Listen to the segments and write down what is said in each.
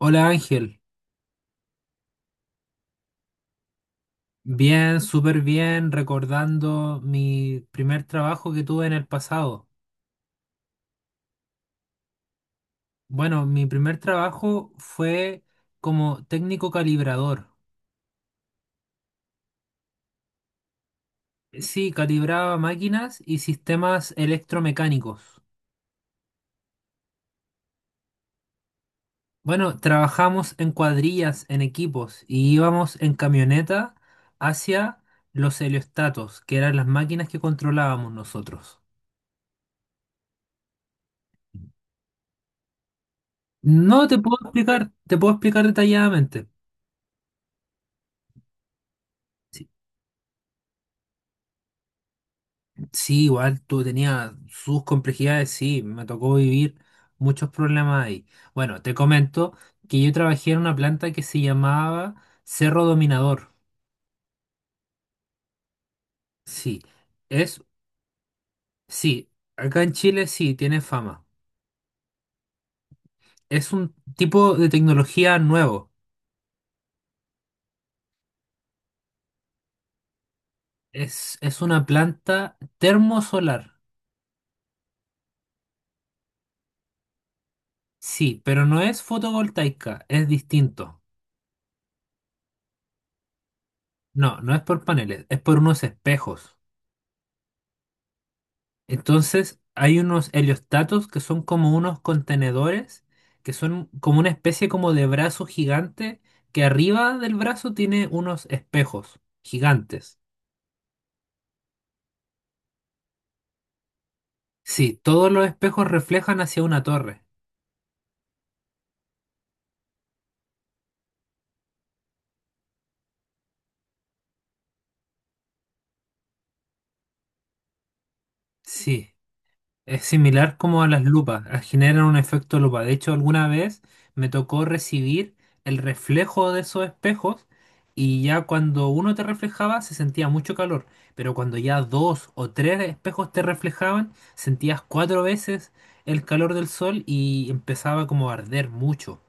Hola, Ángel. Bien, súper bien, recordando mi primer trabajo que tuve en el pasado. Bueno, mi primer trabajo fue como técnico calibrador. Sí, calibraba máquinas y sistemas electromecánicos. Bueno, trabajamos en cuadrillas, en equipos, y íbamos en camioneta hacia los heliostatos, que eran las máquinas que controlábamos nosotros. No te puedo explicar, te puedo explicar detalladamente. Sí, igual tú tenías sus complejidades, sí, me tocó vivir muchos problemas ahí. Bueno, te comento que yo trabajé en una planta que se llamaba Cerro Dominador. Sí, es, sí, acá en Chile sí, tiene fama. Es un tipo de tecnología nuevo. Es una planta termosolar. Sí, pero no es fotovoltaica, es distinto. No, no es por paneles, es por unos espejos. Entonces, hay unos heliostatos que son como unos contenedores, que son como una especie como de brazo gigante, que arriba del brazo tiene unos espejos gigantes. Sí, todos los espejos reflejan hacia una torre. Sí. Es similar como a las lupas, generan un efecto lupa. De hecho, alguna vez me tocó recibir el reflejo de esos espejos y ya cuando uno te reflejaba se sentía mucho calor, pero cuando ya dos o tres espejos te reflejaban, sentías cuatro veces el calor del sol y empezaba como a arder mucho.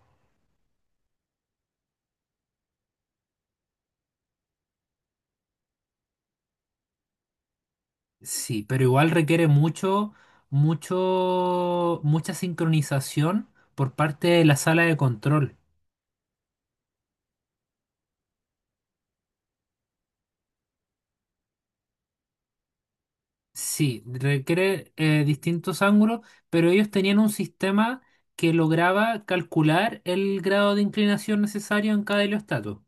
Sí, pero igual requiere mucho, mucho, mucha sincronización por parte de la sala de control. Sí, requiere distintos ángulos, pero ellos tenían un sistema que lograba calcular el grado de inclinación necesario en cada heliostato.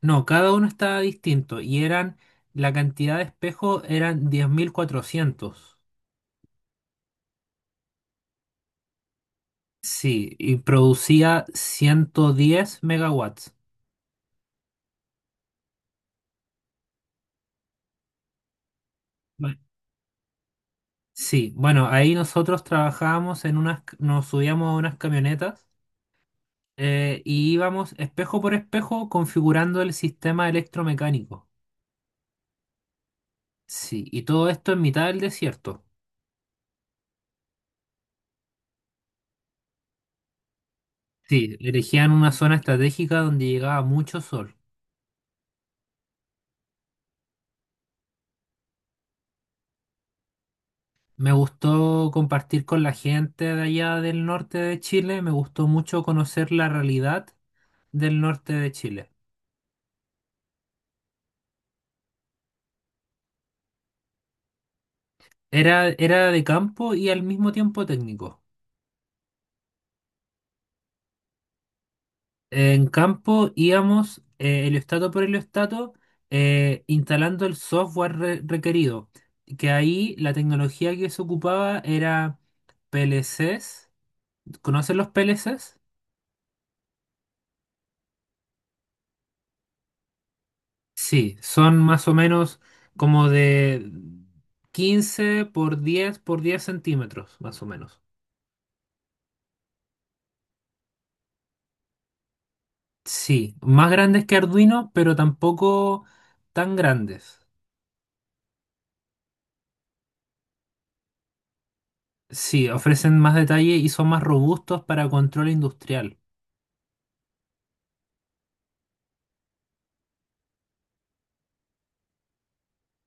No, cada uno estaba distinto y eran, la cantidad de espejos eran 10.400. Sí, y producía 110 megawatts. Bueno, Sí, bueno, ahí nosotros trabajábamos en unas, nos subíamos a unas camionetas y íbamos espejo por espejo configurando el sistema electromecánico. Sí, y todo esto en mitad del desierto. Sí, elegían una zona estratégica donde llegaba mucho sol. Me gustó compartir con la gente de allá del norte de Chile, me gustó mucho conocer la realidad del norte de Chile. Era, era de campo y al mismo tiempo técnico. En campo íbamos heliostato por heliostato, instalando el software requerido, que ahí la tecnología que se ocupaba era PLCs. ¿Conocen los PLCs? Sí, son más o menos como de 15 por 10 por 10 centímetros, más o menos. Sí, más grandes que Arduino, pero tampoco tan grandes. Sí, ofrecen más detalle y son más robustos para control industrial.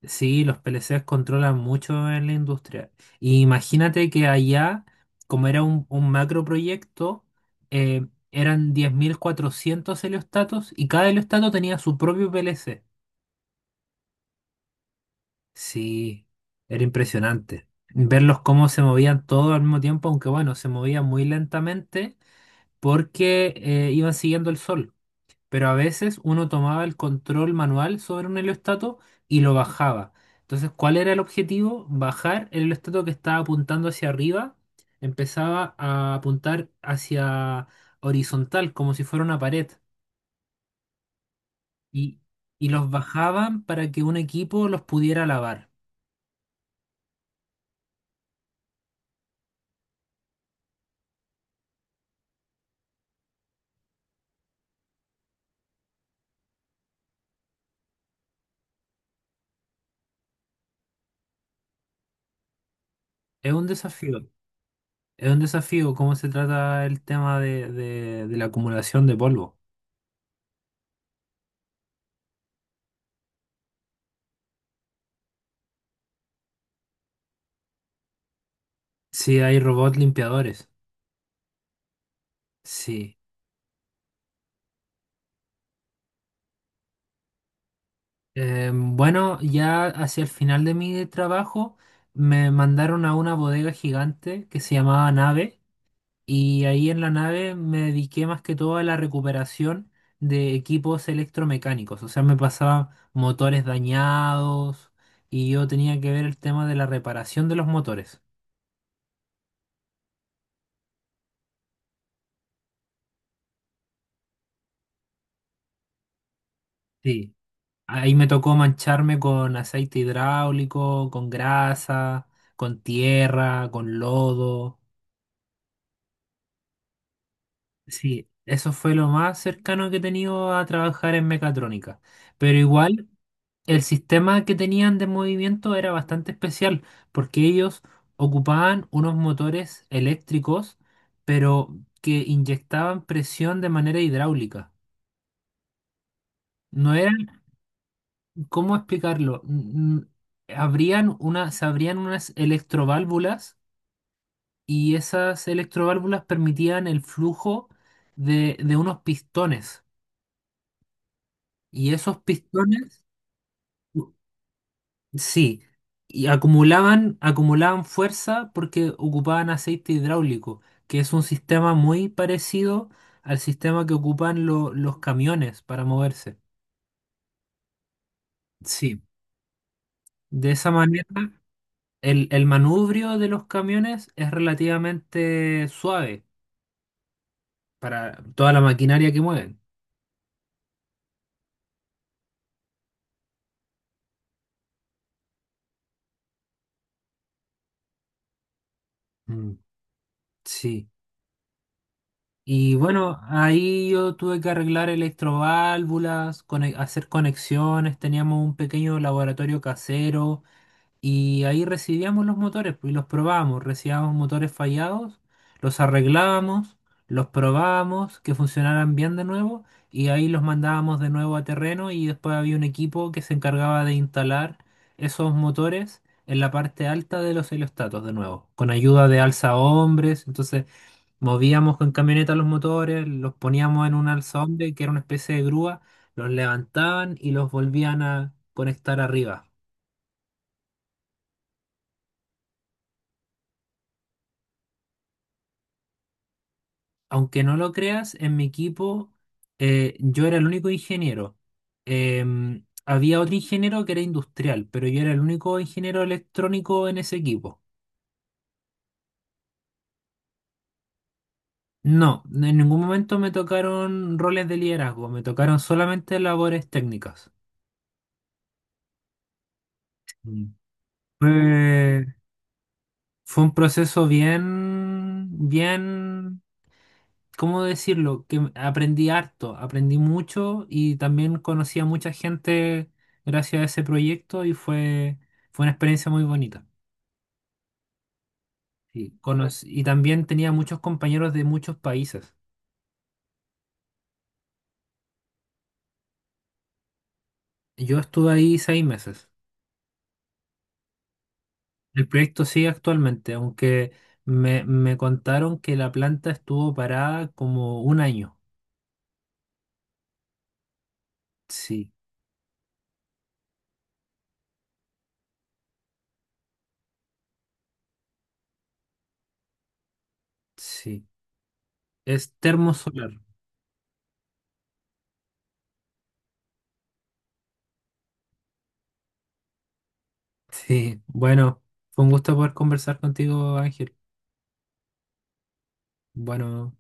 Sí, los PLCs controlan mucho en la industria. Y imagínate que allá, como era un macro proyecto, eh, eran 10.400 heliostatos y cada heliostato tenía su propio PLC. Sí, era impresionante. Verlos cómo se movían todos al mismo tiempo, aunque bueno, se movían muy lentamente porque iban siguiendo el sol. Pero a veces uno tomaba el control manual sobre un heliostato y lo bajaba. Entonces, ¿cuál era el objetivo? Bajar el heliostato que estaba apuntando hacia arriba, empezaba a apuntar hacia horizontal, como si fuera una pared, y, y los bajaban para que un equipo los pudiera lavar. Es un desafío, es un desafío cómo se trata el tema de la acumulación de polvo. Sí, hay robots limpiadores. Sí. Bueno, ya hacia el final de mi trabajo me mandaron a una bodega gigante que se llamaba Nave, y ahí en la nave me dediqué más que todo a la recuperación de equipos electromecánicos, o sea, me pasaban motores dañados y yo tenía que ver el tema de la reparación de los motores. Sí, ahí me tocó mancharme con aceite hidráulico, con grasa, con tierra, con lodo. Sí, eso fue lo más cercano que he tenido a trabajar en mecatrónica. Pero igual, el sistema que tenían de movimiento era bastante especial, porque ellos ocupaban unos motores eléctricos, pero que inyectaban presión de manera hidráulica. No eran, ¿cómo explicarlo? Abrían una, se abrían unas electroválvulas y esas electroválvulas permitían el flujo de unos pistones. Y esos pistones sí, y acumulaban, acumulaban fuerza porque ocupaban aceite hidráulico, que es un sistema muy parecido al sistema que ocupan los camiones para moverse. Sí, de esa manera el manubrio de los camiones es relativamente suave para toda la maquinaria que mueven. Mm, sí. Y bueno, ahí yo tuve que arreglar electroválvulas, hacer conexiones, teníamos un pequeño laboratorio casero. Y ahí recibíamos los motores pues, y los probábamos. Recibíamos motores fallados, los arreglábamos, los probábamos, que funcionaran bien de nuevo y ahí los mandábamos de nuevo a terreno y después había un equipo que se encargaba de instalar esos motores en la parte alta de los heliostatos de nuevo, con ayuda de alza hombres. Entonces movíamos con camioneta los motores, los poníamos en un alza hombre que era una especie de grúa, los levantaban y los volvían a conectar arriba. Aunque no lo creas, en mi equipo, yo era el único ingeniero. Había otro ingeniero que era industrial, pero yo era el único ingeniero electrónico en ese equipo. No, en ningún momento me tocaron roles de liderazgo, me tocaron solamente labores técnicas. Mm. Fue, fue un proceso bien, bien, ¿cómo decirlo? Que aprendí harto, aprendí mucho y también conocí a mucha gente gracias a ese proyecto y fue, fue una experiencia muy bonita. Y, y también tenía muchos compañeros de muchos países. Yo estuve ahí 6 meses. El proyecto sigue actualmente, aunque me contaron que la planta estuvo parada como un año. Sí, sí. Es termosolar. Sí, bueno, fue un gusto poder conversar contigo, Ángel. Bueno.